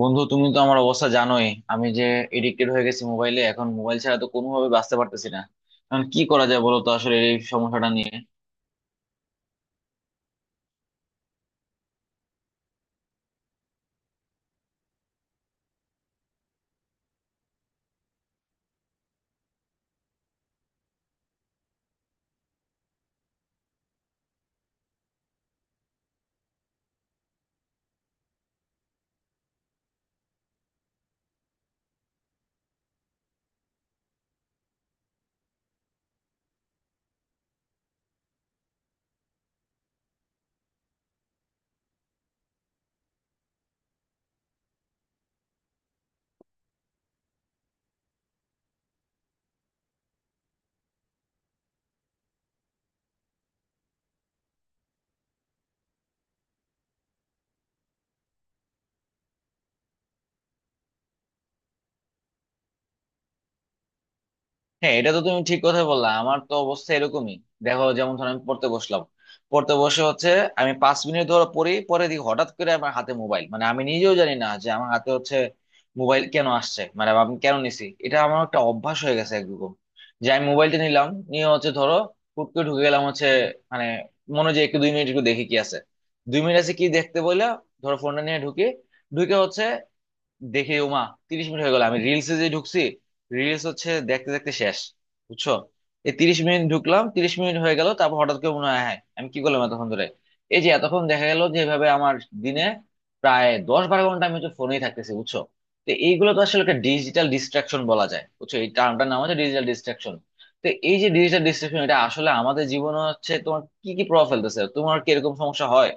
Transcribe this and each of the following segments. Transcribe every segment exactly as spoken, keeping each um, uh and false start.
বন্ধু, তুমি তো আমার অবস্থা জানোই। আমি যে এডিক্টেড হয়ে গেছি মোবাইলে, এখন মোবাইল ছাড়া তো কোনোভাবে বাঁচতে পারতেছি না। এখন কি করা যায় বলো তো, আসলে এই সমস্যাটা নিয়ে। হ্যাঁ, এটা তো তুমি ঠিক কথা বললা, আমার তো অবস্থা এরকমই। দেখো, যেমন ধরো আমি পড়তে বসলাম, পড়তে বসে হচ্ছে আমি পাঁচ মিনিট ধরে পড়ি, পরে দেখি হঠাৎ করে আমার হাতে মোবাইল। মানে, আমি নিজেও জানি না যে আমার হাতে হচ্ছে মোবাইল কেন আসছে, মানে আমি কেন নিছি। এটা আমার একটা অভ্যাস হয়ে গেছে একরকম, যে আমি মোবাইলটা নিলাম, নিয়ে হচ্ছে ধরো হুট করে ঢুকে গেলাম হচ্ছে। মানে, মনে হয় যে একটু দুই মিনিট একটু দেখি কি আছে। দুই মিনিট আছে কি দেখতে বললে ধরো ফোনটা নিয়ে ঢুকে ঢুকে হচ্ছে দেখি, ওমা, তিরিশ মিনিট হয়ে গেল আমি রিলসে যে ঢুকছি। রিলস হচ্ছে দেখতে দেখতে শেষ, বুঝছো? এই তিরিশ মিনিট ঢুকলাম, তিরিশ মিনিট হয়ে গেল, তারপর হঠাৎ করে মনে হয় হ্যাঁ আমি কি করলাম এতক্ষণ ধরে। এই যে, এতক্ষণ দেখা গেল যে এভাবে আমার দিনে প্রায় দশ বারো ঘন্টা আমি হচ্ছে ফোনেই থাকতেছি, বুঝছো? তো এইগুলো তো আসলে একটা ডিজিটাল ডিস্ট্রাকশন বলা যায়, বুঝছো, এই টার্মটার নাম হচ্ছে ডিজিটাল ডিস্ট্রাকশন। তো এই যে ডিজিটাল ডিস্ট্রাকশন, এটা আসলে আমাদের জীবনে হচ্ছে তোমার কি কি প্রভাব ফেলতেছে, তোমার কি এরকম সমস্যা হয়?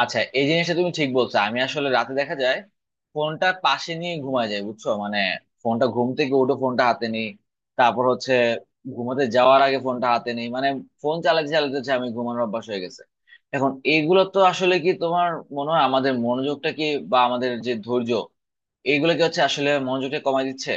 আচ্ছা, এই জিনিসটা তুমি ঠিক বলছো। আমি আসলে রাতে দেখা যায় ফোনটা পাশে নিয়ে ঘুমায় যায়, বুঝছো? মানে ফোনটা, ঘুম থেকে উঠে ফোনটা হাতে নেই, তারপর হচ্ছে ঘুমাতে যাওয়ার আগে ফোনটা হাতে নেই, মানে ফোন চালাতে চালাতে হচ্ছে আমি ঘুমানোর অভ্যাস হয়ে গেছে। এখন এগুলো তো আসলে কি তোমার মনে হয়, আমাদের মনোযোগটা কি বা আমাদের যে ধৈর্য, এইগুলো কি হচ্ছে আসলে মনোযোগটা কমায় দিচ্ছে?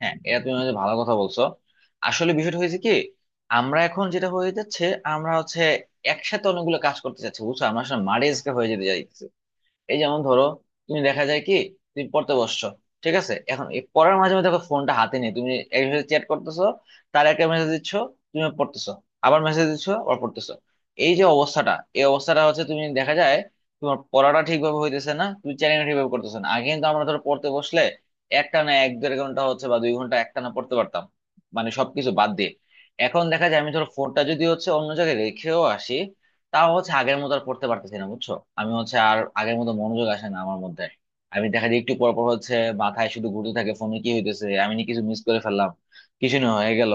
হ্যাঁ, এটা তুমি হচ্ছে ভালো কথা বলছো। আসলে বিষয়টা হয়েছে কি, আমরা এখন যেটা হয়ে যাচ্ছে, আমরা হচ্ছে একসাথে অনেকগুলো কাজ করতে চাচ্ছি, বুঝছো, আমরা আসলে মারে হয়ে যেতে চাইছি। এই যেমন ধরো, তুমি দেখা যায় কি, তুমি পড়তে বসছো, ঠিক আছে, এখন এই পড়ার মাঝে মাঝে দেখো ফোনটা হাতে নিয়ে তুমি একজনের চ্যাট করতেছো, তার একটা মেসেজ দিচ্ছ, তুমি পড়তেছো, আবার মেসেজ দিচ্ছ, আবার পড়তেছো। এই যে অবস্থাটা, এই অবস্থাটা হচ্ছে তুমি দেখা যায় তোমার পড়াটা ঠিকভাবে হইতেছে না, তুমি চ্যাটিং ঠিকভাবে করতেছো না। আগে কিন্তু আমরা ধরো পড়তে বসলে একটা না এক দেড় ঘন্টা হচ্ছে বা দুই ঘন্টা একটা না পড়তে পারতাম, মানে সবকিছু বাদ দিয়ে। এখন দেখা যায় আমি ধরো ফোনটা যদি হচ্ছে অন্য জায়গায় রেখেও আসি, তাও হচ্ছে আগের মতো আর পড়তে পারতেছি না, বুঝছো? আমি হচ্ছে আর আগের মতো মনোযোগ আসে না আমার মধ্যে। আমি দেখা যায় একটু পর পর হচ্ছে মাথায় শুধু ঘুরতে থাকে ফোনে কি হইতেছে, আমি নি কিছু মিস করে ফেললাম, কিছু না হয়ে গেল।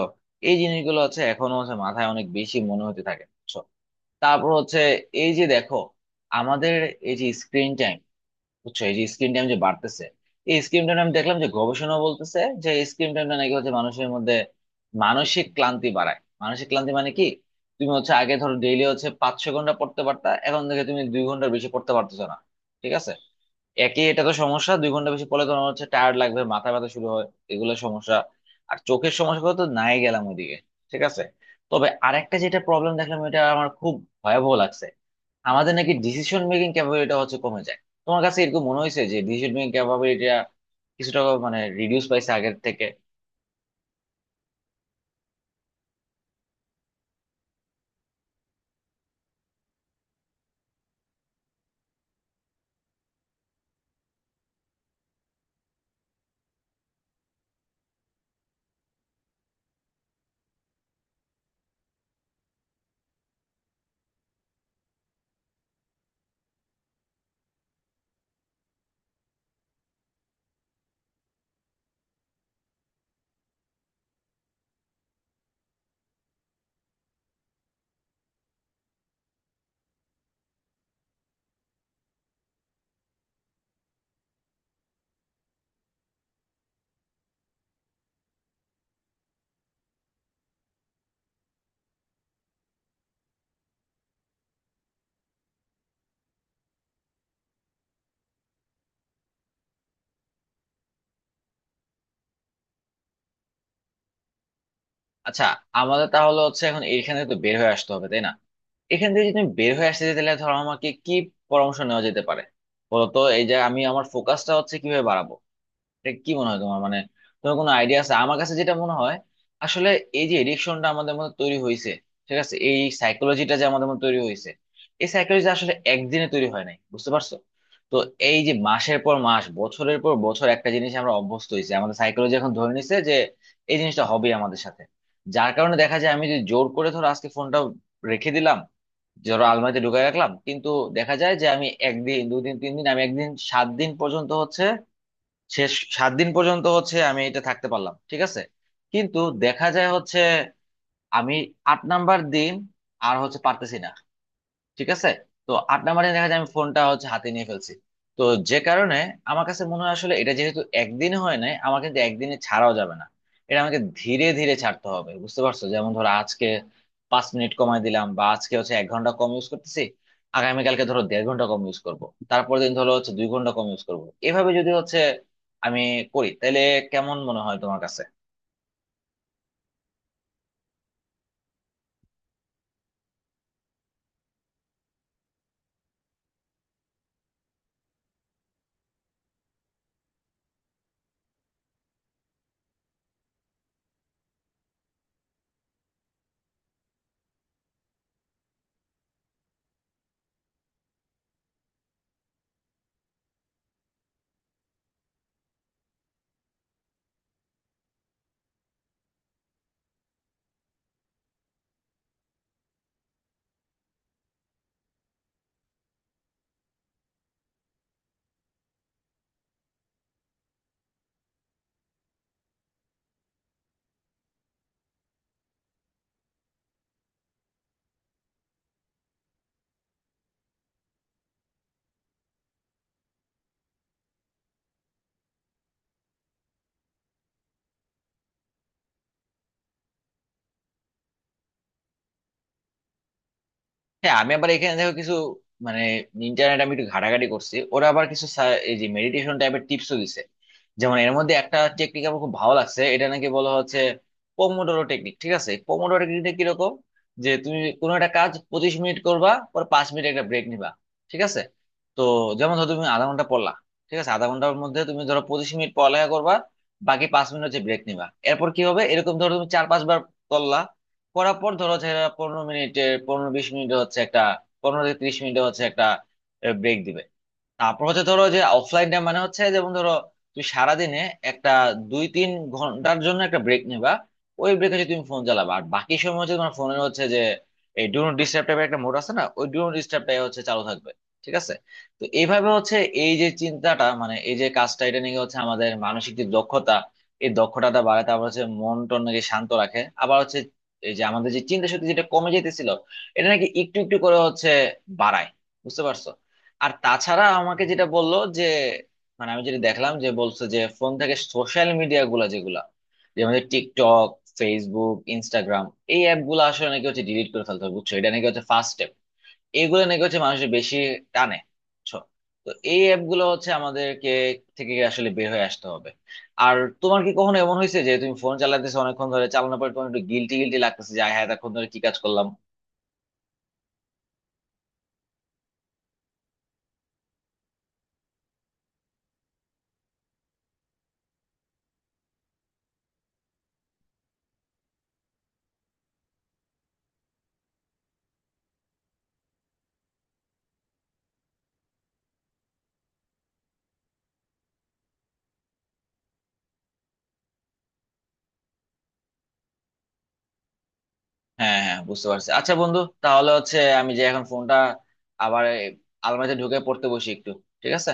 এই জিনিসগুলো হচ্ছে এখনো হচ্ছে মাথায় অনেক বেশি মনে হতে থাকে, বুঝছো? তারপর হচ্ছে এই যে দেখো আমাদের এই যে স্ক্রিন টাইম, বুঝছো, এই যে স্ক্রিন টাইম যে বাড়তেছে, এই স্ক্রিন টাইম আমি দেখলাম যে গবেষণা বলতেছে যে স্ক্রিন টাইমটা নাকি হচ্ছে মানুষের মধ্যে মানসিক ক্লান্তি বাড়ায়। মানসিক ক্লান্তি মানে কি, তুমি হচ্ছে আগে ধরো ডেইলি হচ্ছে পাঁচশো ঘন্টা পড়তে পারতা, এখন থেকে তুমি দুই ঘন্টার বেশি পড়তে পারতেছো না, ঠিক আছে? একই, এটা তো সমস্যা, দুই ঘন্টা বেশি পড়লে তোমার হচ্ছে টায়ার্ড লাগবে, মাথা ব্যথা শুরু হয়, এগুলো সমস্যা। আর চোখের সমস্যা তো নাই গেলাম ওইদিকে, ঠিক আছে। তবে আরেকটা যেটা প্রবলেম দেখলাম, এটা আমার খুব ভয়াবহ লাগছে, আমাদের নাকি ডিসিশন মেকিং ক্যাপাবিলিটিটা হচ্ছে কমে যায়। তোমার কাছে এরকম মনে হয়েছে যে ডিসিশন মেকিং ক্যাপাবিলিটিটা কিছুটা, মানে, রিডিউস পাইছে আগের থেকে? আচ্ছা, আমাদের তাহলে হচ্ছে এখন এইখানে তো বের হয়ে আসতে হবে, তাই না? এখান থেকে যদি তুমি বের হয়ে আসতে চাই, তাহলে ধরো আমাকে কি পরামর্শ নেওয়া যেতে পারে, বলো তো? এই যে আমি আমার ফোকাসটা হচ্ছে কিভাবে বাড়াবো, এটা কি মনে হয় তোমার? মানে, তোমার কোনো আইডিয়া আছে? আমার কাছে যেটা মনে হয় আসলে, এই যে এডিকশনটা আমাদের মধ্যে তৈরি হয়েছে, ঠিক আছে, এই সাইকোলজিটা যে আমাদের মধ্যে তৈরি হয়েছে, এই সাইকোলজি আসলে একদিনে তৈরি হয় নাই, বুঝতে পারছো? তো এই যে মাসের পর মাস, বছরের পর বছর একটা জিনিস আমরা অভ্যস্ত হয়েছি, আমাদের সাইকোলজি এখন ধরে নিছে যে এই জিনিসটা হবে আমাদের সাথে। যার কারণে দেখা যায় আমি যদি জোর করে ধরো আজকে ফোনটা রেখে দিলাম, ধরো আলমারিতে ঢুকাই রাখলাম, কিন্তু দেখা যায় যে আমি একদিন, দুদিন, তিন দিন, আমি একদিন সাত দিন পর্যন্ত হচ্ছে শেষ, সাত দিন পর্যন্ত হচ্ছে আমি এটা থাকতে পারলাম, ঠিক আছে, কিন্তু দেখা যায় হচ্ছে আমি আট নাম্বার দিন আর হচ্ছে পারতেছি না, ঠিক আছে? তো আট নাম্বারে দেখা যায় আমি ফোনটা হচ্ছে হাতে নিয়ে ফেলছি। তো যে কারণে আমার কাছে মনে হয় আসলে, এটা যেহেতু একদিনে হয় নাই, আমার কিন্তু একদিনে ছাড়াও যাবে না, এটা আমাকে ধীরে ধীরে ছাড়তে হবে, বুঝতে পারছো? যেমন ধরো আজকে পাঁচ মিনিট কমায় দিলাম, বা আজকে হচ্ছে এক ঘন্টা কম ইউজ করতেছি, আগামীকালকে ধরো দেড় ঘন্টা কম ইউজ করব, তারপর দিন ধরো হচ্ছে দুই ঘন্টা কম ইউজ করব, এভাবে যদি হচ্ছে আমি করি, তাহলে কেমন মনে হয় তোমার কাছে? হ্যাঁ, আমি আবার এখানে দেখো কিছু, মানে, ইন্টারনেট আমি একটু ঘাটাঘাটি করছি, ওরা আবার কিছু সা- এই যে মেডিটেশন টাইপের টিপসও দিছে। যেমন এর মধ্যে একটা টেকনিক আমার খুব ভালো লাগছে, এটা নাকি বলা হচ্ছে পোমোডোরো টেকনিক, ঠিক আছে। পোমোডোরো টেকনিকটা কিরকম, যে তুমি কোনো একটা কাজ পঁচিশ মিনিট করবা, পর পাঁচ মিনিট একটা ব্রেক নিবা, ঠিক আছে। তো যেমন ধরো তুমি আধা ঘন্টা পড়লা, ঠিক আছে, আধা ঘন্টার মধ্যে তুমি ধরো পঁচিশ মিনিট পড়ালেখা করবা, বাকি পাঁচ মিনিট হচ্ছে ব্রেক নিবা। এরপর কি হবে, এরকম ধরো তুমি চার পাঁচবার করলা, করার পর ধরো যে এরা পনেরো মিনিটের, পনেরো বিশ মিনিট হচ্ছে একটা, পনেরো থেকে ত্রিশ মিনিট হচ্ছে একটা ব্রেক দিবে। তারপর হচ্ছে ধরো যে অফলাইন ডে, মানে হচ্ছে যেমন ধরো তুমি সারাদিনে একটা দুই তিন ঘন্টার জন্য একটা ব্রেক নিবা, ওই ব্রেকে হচ্ছে তুমি ফোন চালাবা, আর বাকি সময় হচ্ছে তোমার ফোনের হচ্ছে যে এই ডু নট ডিস্টার্ব টাইপের একটা মোড আছে না, ওই ডু নট ডিস্টার্বটাই হচ্ছে চালু থাকবে, ঠিক আছে। তো এইভাবে হচ্ছে এই যে চিন্তাটা, মানে এই যে কাজটা, এটা নিয়ে হচ্ছে আমাদের মানসিক যে দক্ষতা, এই দক্ষতাটা বাড়ায়, তারপর হচ্ছে মন টন নাকি শান্ত রাখে, আবার হচ্ছে এই যে আমাদের যে চিন্তা শক্তি যেটা কমে যেতেছিল, এটা নাকি একটু একটু করে হচ্ছে বাড়ায়, বুঝতে পারছো? আর তাছাড়া আমাকে যেটা বললো যে, মানে, আমি যেটা দেখলাম যে বলছে যে ফোন থেকে সোশ্যাল মিডিয়া গুলা যেগুলা, যেমন যে আমাদের টিকটক, ফেসবুক, ইনস্টাগ্রাম, এই অ্যাপ গুলো আসলে নাকি হচ্ছে ডিলিট করে ফেলতে হবে, বুঝছো, এটা নাকি হচ্ছে ফার্স্ট স্টেপ। এইগুলো নাকি হচ্ছে মানুষের বেশি টানে, বুঝছো? তো এই অ্যাপ গুলো হচ্ছে আমাদেরকে থেকে আসলে বের হয়ে আসতে হবে। আর তোমার কি কখনো এমন হয়েছে যে তুমি ফোন চালাতেছো, অনেকক্ষণ ধরে চালানোর পর তোমার একটু গিলটি গিলটি লাগতেছে যে আয় হ্যাঁ, এতক্ষণ ধরে কি কাজ করলাম? হ্যাঁ হ্যাঁ, বুঝতে পারছি। আচ্ছা বন্ধু, তাহলে হচ্ছে আমি যে এখন ফোনটা আবার এই আলমারিতে ঢুকে পড়তে বসি একটু, ঠিক আছে।